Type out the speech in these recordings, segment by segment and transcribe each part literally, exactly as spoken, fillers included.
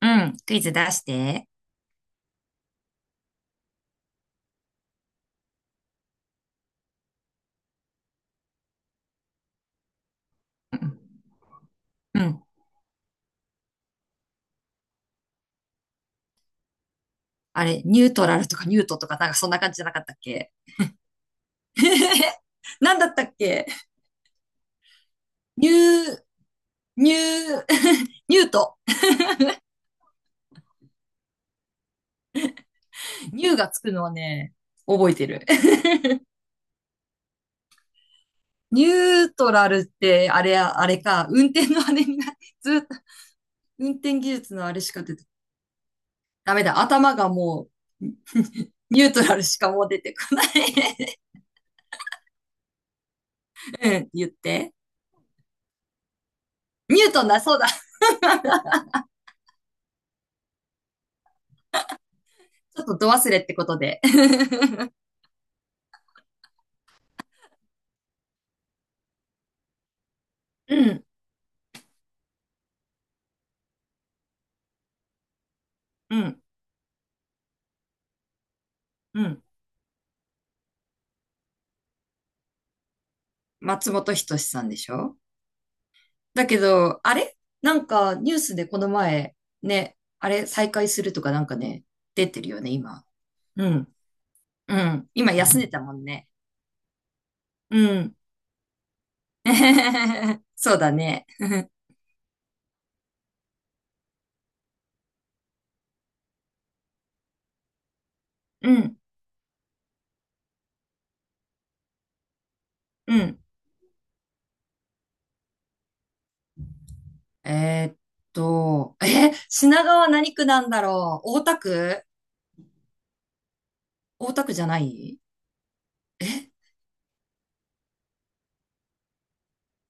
うん、クイズ出して。うん。うん。あれ、ニュートラルとかニュートとかなんかそんな感じじゃなかったっけ？ なんだったっけ？ニュー、ニュー、ニュート。ニューがつくのはね、覚えてる。ニュートラルって、あれや、あれか、運転のあれにな、ずっと、運転技術のあれしか出て、ダメだ、頭がもう、ニュートラルしかもう出てこない。 うん、言って。ニュートンだ、そうだ。ちょっと度忘れってことで。うん、うん、うん。松本人志さんでしょ？だけど、あれなんかニュースでこの前、ね、あれ再開するとかなんかね、出てるよね、今。うん。うん。今休んでたもんね。うん。そうだね。うん。うん。えーっと、え、品川何区なんだろう？大田区。大田区じゃない？え、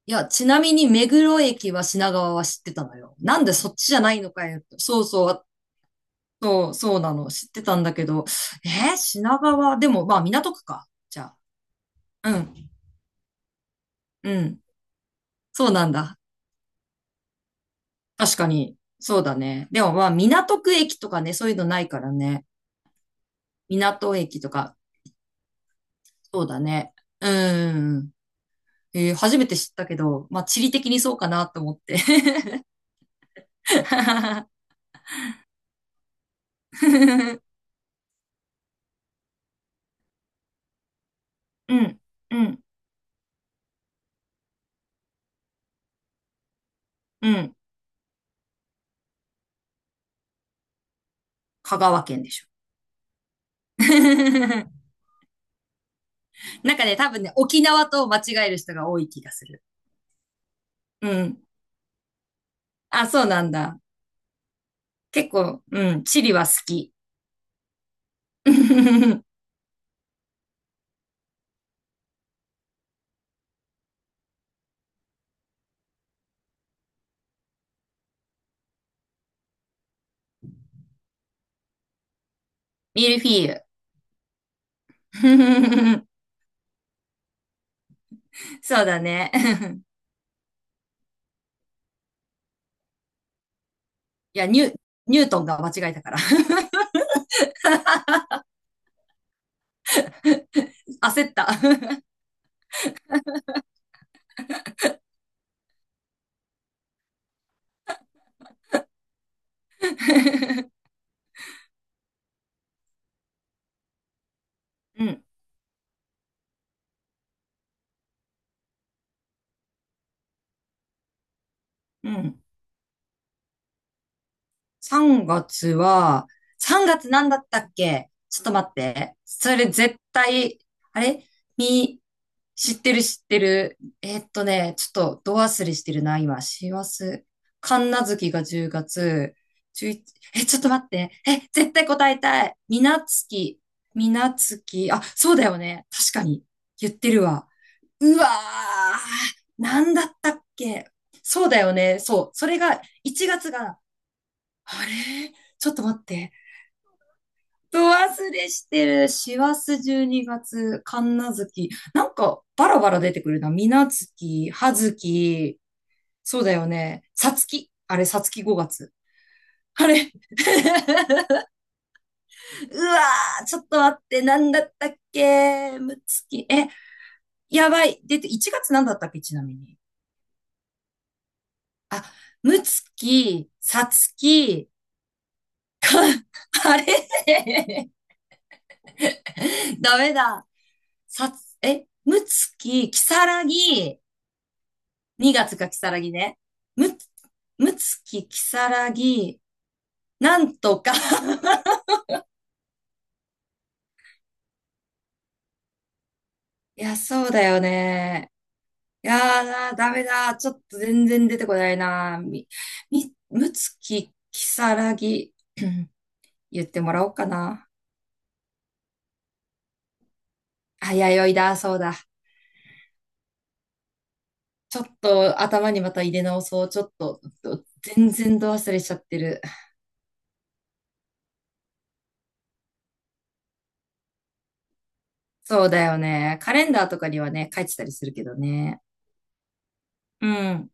いや、ちなみに目黒駅は品川は知ってたのよ。なんでそっちじゃないのかよ。そうそう。そう、そうなの。知ってたんだけど、えー品川、でも、まあ、港区か。じゃあ。うん、うん。そうなんだ。確かに。そうだね。でも、まあ、港区駅とかね、そういうのないからね。港駅とか、そうだね。うん、えー初めて知ったけど、まあ、地理的にそうかなと思って。うん、うん、うん。香川県でしょ。なんかね、多分ね、沖縄と間違える人が多い気がする。うん。あ、そうなんだ。結構、うん、チリは好き。ミルフィーユ。そうだね。いや、ニュ、ニュートンが間違えたから。焦った。うん、うん。さんがつは、さんがつなんだったっけ？ちょっと待って。それ絶対、あれ、み、知ってる知ってる。えーっとね、ちょっとど忘れしてるな、今。師走。神無月がじゅうがつ、じゅういち、え、ちょっと待って。え、絶対答えたい。みなつき。みなつき。あ、そうだよね。確かに。言ってるわ。うわー。なんだったっけ？そうだよね。そう。それが、いちがつがつが、あれ、ちょっと待って。ど忘れしてる。師走じゅうにがつ、神無月。なんか、バラバラ出てくるな。水無月、葉月。そうだよね。さつき。あれ、さつきごがつ。あれ。 うわー、ちょっと待って。なんだったっけ？むつき。え、やばい。出て、いちがつなんだったっけ？ちなみに。あ、むつき、さつき。あれ。 ダメだ。さつ、え、むつき、きさらぎ、にがつかきさらぎね。む、むつき、きさらぎ、なんとか。 いや、そうだよね。いやーな、ダメだ。ちょっと全然出てこないな。み、み、むつき、きさらぎ、言ってもらおうかな。あ、弥生だ、そうだ。ちょっと頭にまた入れ直そう。ちょっと、ど全然ど忘れしちゃってる。そうだよね。カレンダーとかにはね、書いてたりするけどね。うん。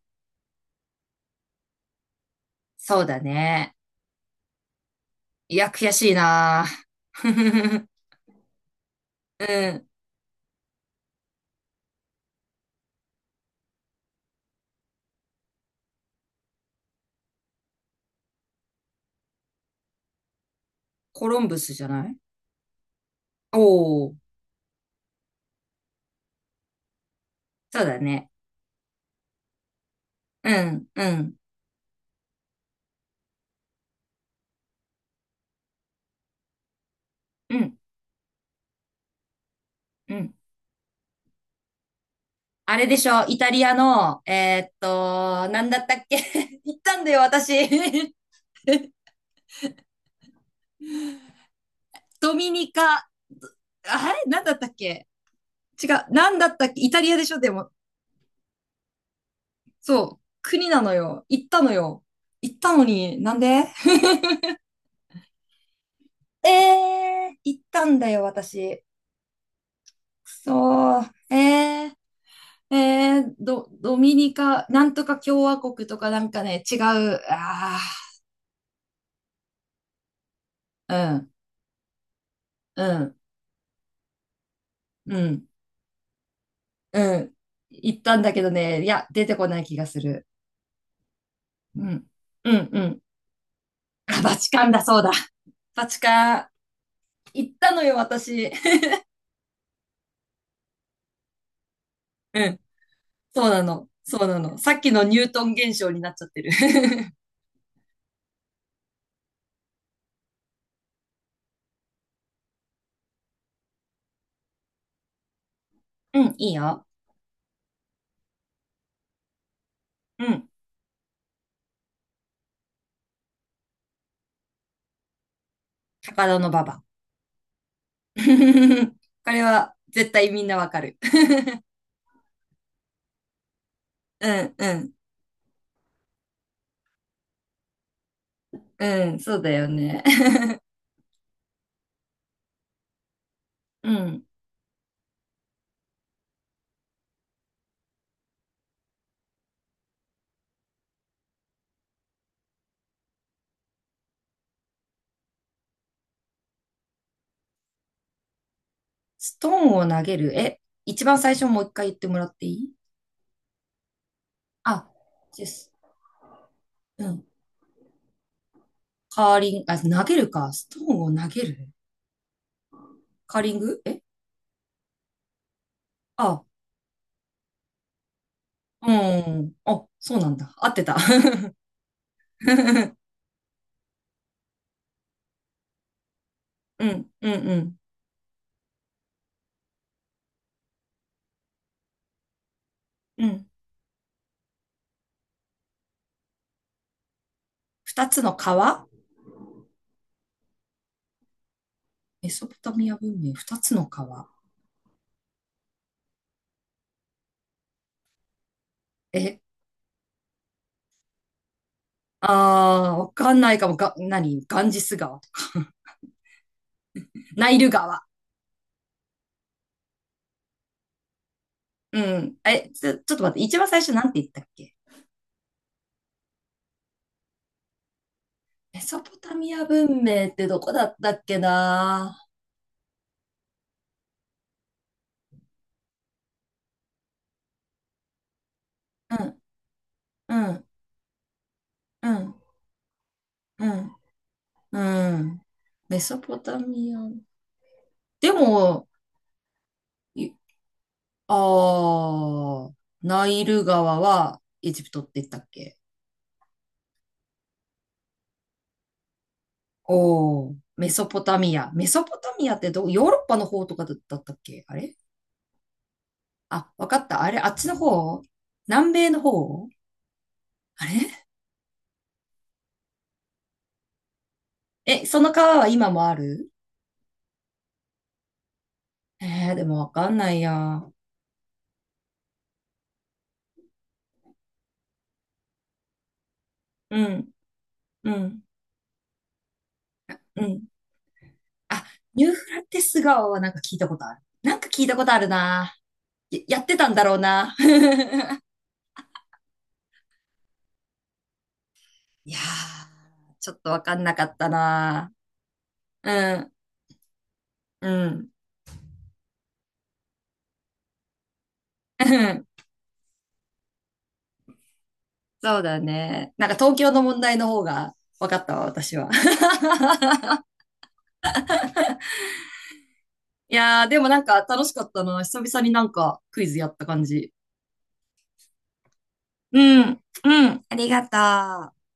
そうだね。いや、悔しいな。うん。コロンブスじゃない？おおー、そうだね。うん、うん、うん、うん。あれでしょ、イタリアの、えーっと、なんだったっけ？ 行ったんだよ、私。ドミニカ。あれなんだったっけ？違う。なんだったっけ？イタリアでしょ、でも。そう。国なのよ。行ったのよ。行ったのに、なんで？ えー、行ったんだよ、私。くそー。えー。えー、ド、ドミニカ、なんとか共和国とかなんかね、違う。あ、あ、うん、うん、うん、うん。行ったんだけどね、いや、出てこない気がする。うん、うん、うん。あ、バチカンだ、そうだ。バチカン。行ったのよ、私。うん、そうなの。そうなの。さっきのニュートン現象になっちゃってる。うん、いいよ。うん、高田の馬場。これは絶対みんなわかる。うん、うん、うん、そうだよね。うん。ストーンを投げる。え、一番最初もう一回言ってもらっていい？あ、です。うん。カーリング、あ、投げるか。ストーンを投げる。カーリング。え、あ、うん。あ、そうなんだ。合ってた。うん、うん、うん。うん。二つの川。メソポタミア文明、二つの川。え、あー、わかんないかも。が、何？ガンジス川。ナイル川。うん。え、ちょ、ちょっと待って。一番最初なんて言ったっけ？メソポタミア文明ってどこだったっけな。うんうんうんうんうん。メソポタミア。でも、いああ、ナイル川はエジプトって言ったっけ？おおー、メソポタミア。メソポタミアってど、ヨーロッパの方とかだだったっけ？あれ、あ、わかった。あれ、あっちの方？南米の方？あれ。え、その川は今もある？えー、でもわかんないや。うん、うん、うん。あ、ニューフラテス顔はなんか聞いたことある。なんか聞いたことあるな。や、やってたんだろうな。いやー、ちょっとわかんなかったな。うん、うん、うん。そうだね。なんか東京の問題の方がわかったわ、私は。いやー、でもなんか楽しかったな。久々になんかクイズやった感じ。うん、うん、ありがとう。